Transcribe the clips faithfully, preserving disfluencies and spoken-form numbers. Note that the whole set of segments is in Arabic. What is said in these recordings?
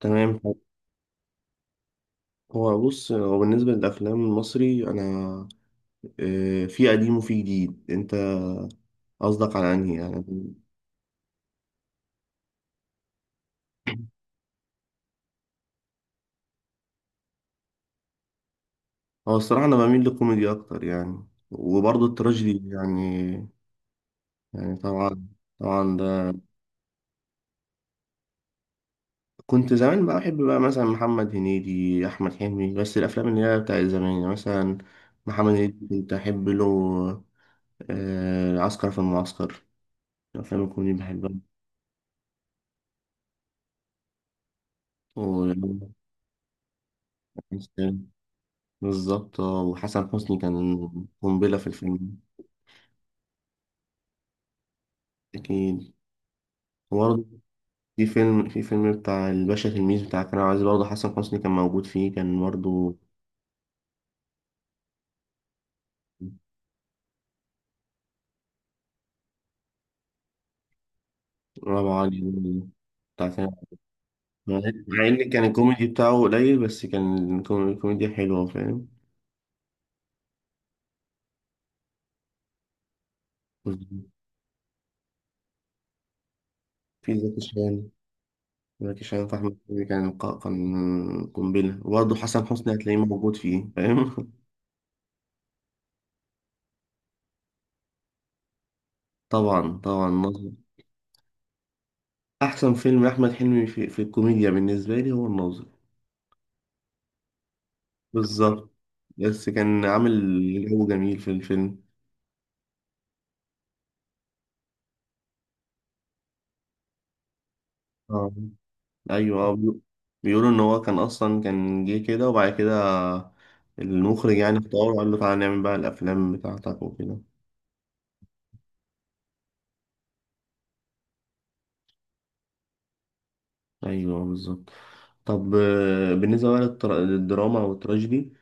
تمام. هو بص هو بالنسبة للأفلام المصري، أنا آه، في قديم وفي جديد. أنت قصدك على أنهي يعني؟ هو الصراحة أنا بميل للكوميدي أكتر يعني، وبرضه التراجيدي يعني. يعني طبعا طبعا ده. كنت زمان بقى بحب بقى مثلا محمد هنيدي، أحمد حلمي، بس الأفلام اللي هي بتاع زمان يعني، مثلا محمد هنيدي كنت أحب له آه، عسكر في المعسكر. الأفلام الكوميدي بحبها. و بالظبط، اه، وحسن حسني كان قنبلة في الفيلم. أكيد. وبرضه في فيلم في فيلم بتاع الباشا تلميذ، بتاع كريم عبد العزيز، برضه حسن حسني كان موجود فيه، كان برضه برافو علي، بتاع كريم عبد العزيز. مع إن كان الكوميدي بتاعه قليل، بس كان الكوم- الكوميديا حلوة، فاهم. في زكي شان. زكي شان في أحمد حلمي كان ق- كان قنبلة، وبرضه حسن حسني هتلاقيه موجود فيه، فاهم. طبعا طبعا ناظر. أحسن فيلم أحمد حلمي في, في الكوميديا بالنسبة لي هو الناظر. بالظبط. بس كان عامل جو جميل في الفيلم. اه، ايوه، آه، بيقو- بيقولوا ان هو كان اصلا كان جه كده، وبعد كده المخرج يعني اختاره وقال له تعالى نعمل بقى الافلام بتاعتك وكده. ايوه بالظبط. طب آه، بالنسبه بقى للتر- للدراما او التراجيدي،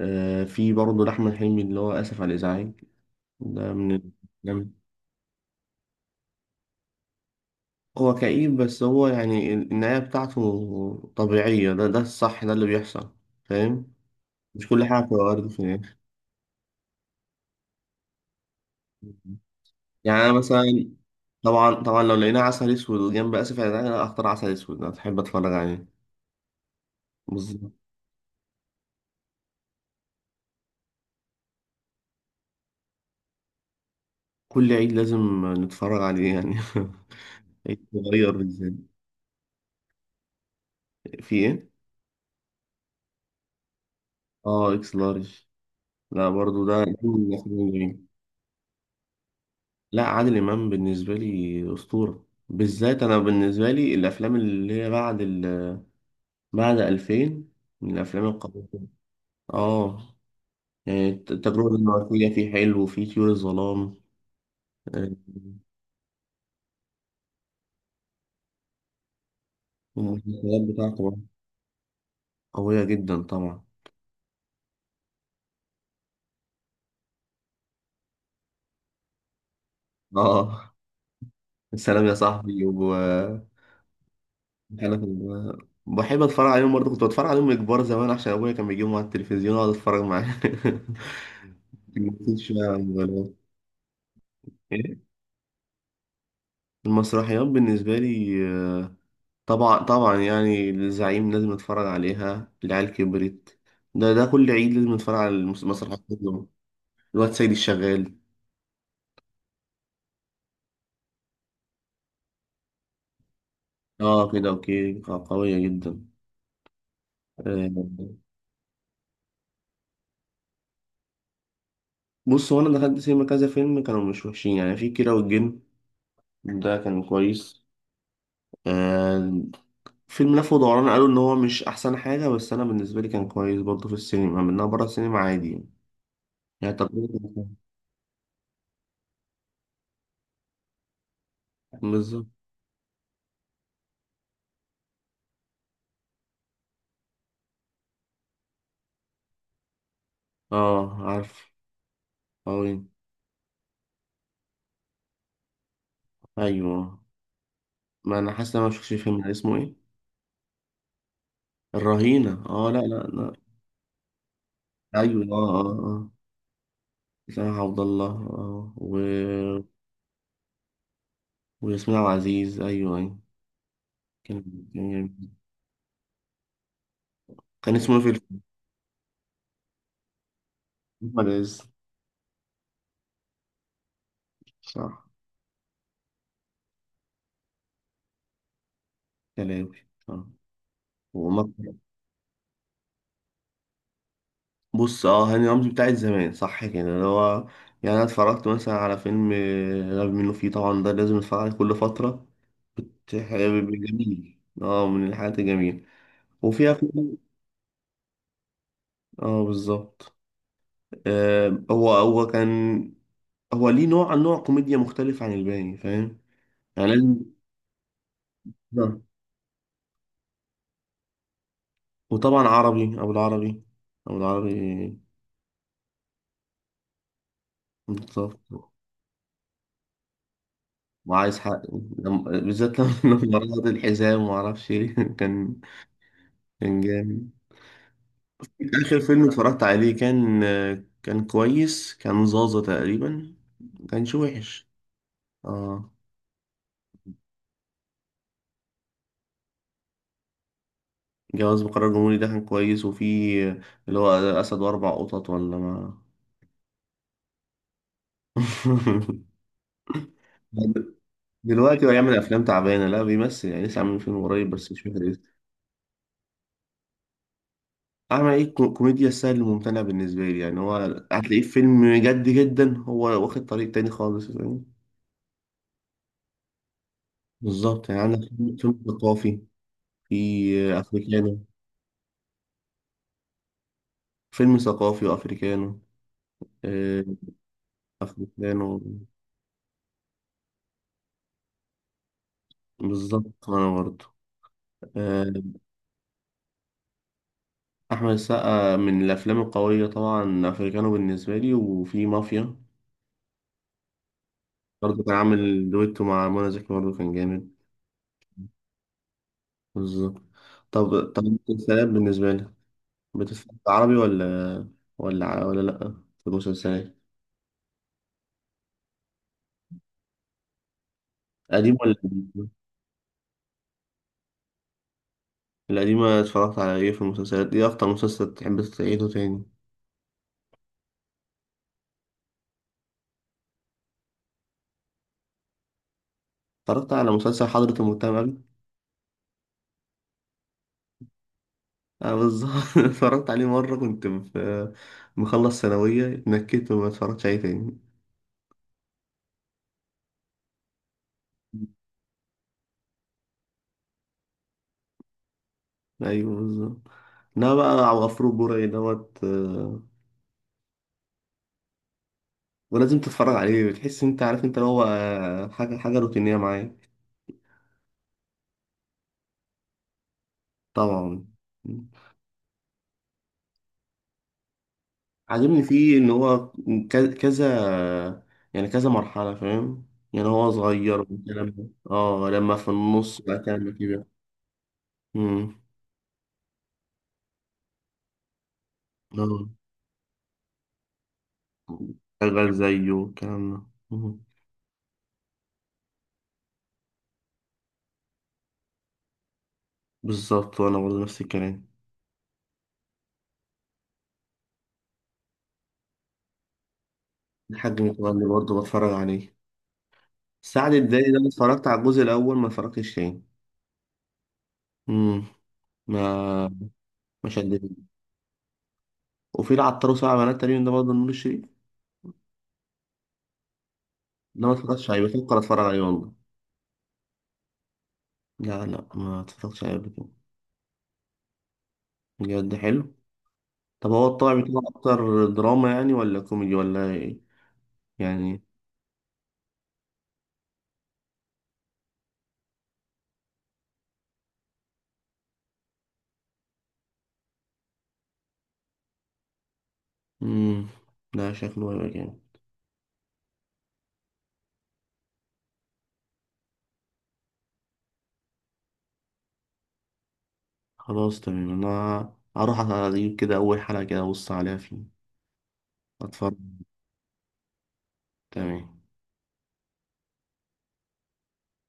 آه، في برضه لاحمد حلمي اللي هو اسف على الازعاج، ده من الافلام. هو كئيب، بس هو يعني النهايه بتاعته طبيعيه، ده ده الصح، ده اللي بيحصل، فاهم. مش كل حاجه بتبقى وارد. يعني انا مثلا طبعا طبعا لو لقينا عسل اسود جنب اسف يعني، انا اختار عسل اسود، انا بحب اتفرج عليه. بالظبط. كل عيد لازم نتفرج عليه يعني. عيد صغير بالذات. في ايه؟ اه، اكس لارج. لا برضو ده ده من الافلام الجميلة. لا، عادل امام بالنسبه لي اسطوره، بالذات انا بالنسبه لي الافلام اللي هي بعد ال... بعد ألفين، من الافلام القويه. اه. يعني التجربه الدنماركيه فيه حلو، وفيه طيور الظلام. آه، والمسلسلات بتاعته بقى قوية جدا طبعا. اه، السلام يا صاحبي، و أنا كنت بحب اتفرج عليهم برضه، كنت بتفرج عليهم كبار زمان عشان ابويا كان بيجيبهم على التلفزيون واقعد اتفرج معاه. مكنتش بقى على الموبايلات. إيه؟ المسرحيات بالنسبة لي آه، طبعا طبعا يعني الزعيم لازم اتفرج عليها، العيال كبرت، ده ده كل عيد لازم اتفرج على المس- المسرحيات كلهم، الواد سيد الشغال. اه كده اوكي قوية جدا. آه، بص، هو انا دخلت سينما كذا فيلم كانوا مش وحشين يعني. في كيرة والجن، ده كان كويس. آه. فيلم لف ودوران قالوا ان هو مش احسن حاجه، بس انا بالنسبه لي كان كويس برضه في السينما، منها بره السينما عادي يعني. يعني تجربه كانت- بالظبط. اه، عارف أوي. ايوه، ما انا حاسس ان انا ما شفتش الفيلم ده، اسمه ايه؟ الرهينه، اه، لا لا لا. ايوه اه اه اه، اسامه عبد الله اه و... وياسمين عبد العزيز، ايوه ايوه. كان كان، كان اسمه ايه في الفيلم؟ احمد عز، صح، كلاوي آه. وما بص، اه، هاني رمزي بتاعت زمان صح كده اللي هو، يعني انا اتفرجت مثلا على فيلم آه، غبي منه فيه، طبعا ده لازم اتفرج عليه كل فترة، حاجة جميل اه من الحاجات الجميلة. وفيها فيلم اه بالظبط. آه هو هو كان هو ليه نوع نوع كوميديا مختلف عن الباقي، فاهم. يعني لازم آه. وطبعا عربي ابو العربي، ابو العربي، بالظبط. وعايز حق، لم- بالذات لما لما رفض الحزام وما اعرفش ايه كان، كان جامد. اخر فيلم اتفرجت عليه كان، كان كويس، كان زازا تقريبا، كانش وحش. اه، جواز بقرار جمهوري ده كان كويس، وفي اللي هو اسد واربع قطط، ولا ما. دلوقتي هو يعمل افلام تعبانه، لا بيمثل يعني، لسه عامل فيلم قريب بس مش فاكر اسمه. اعمل ايه، كو- كوميديا السهل الممتنع بالنسبه لي يعني. هو هتلاقيه في فيلم جد جدا، هو واخد طريق تاني خالص. بالظبط. يعني عندك فيلم فيلم ثقافي، في أفريكانو، فيلم ثقافي وأفريكانو. آه، أفريكانو. بالظبط، وأنا برضه آه، أحمد السقا من الأفلام القوية طبعا، أفريكانو بالنسبة لي، وفي مافيا برضه كان عامل دويتو مع منى زكي، برضه كان جامد. بالظبط. طب طب المسلسلات بالنسبة لك، بتتفرج عربي ولا، ولا ع- ولا لأ؟ في المسلسلات قديم ولا جديد؟ القديمة اتفرجت على ايه في المسلسلات؟ ايه أكتر مسلسل تحب تعيده تاني؟ اتفرجت على مسلسل حضرة المؤتمر قبل؟ اه بالظبط. اتفرجت عليه مرة كنت في مخلص ثانوية، اتنكدت وما اتفرجتش عليه تاني. ايوه بالظبط. لا بقى، عبد الغفور البرعي دوت آه، ولازم تتفرج عليه، بتحس انت عارف انت اللي هو آه، حاجة حاجة روتينية معايا. طبعا. عاجبني فيه ان هو ك- كذا، يعني كذا مرحلة، فاهم. يعني هو صغير لما اه لما في النص بقى كان كبير. امم. شغال زيه والكلام ده. مم. بالظبط، وانا برضه نفس الكلام. الحاج متولي برضه بتفرج عليه. السعد الدالي ده أنا اتفرجت على الجزء الاول، ما اتفرجتش تاني. امم. ما، ما شدني. وفي العطار وسبع بنات تقريبا ده برضه نور الشريف، ده ما اتفرجتش عليه، بفكر اتفرج عليه والله. لا لا، ما اتفرجتش عليه قبل كده. بجد حلو؟ طب هو الطبع بتاعه اكتر دراما يعني، ولا كوميدي ولا ايه؟ يعني امم، لا شكله هيبقى جامد. خلاص تمام، انا هروح على اليوتيوب كده اول حلقة كده ابص عليها فيه، اتفرج. تمام.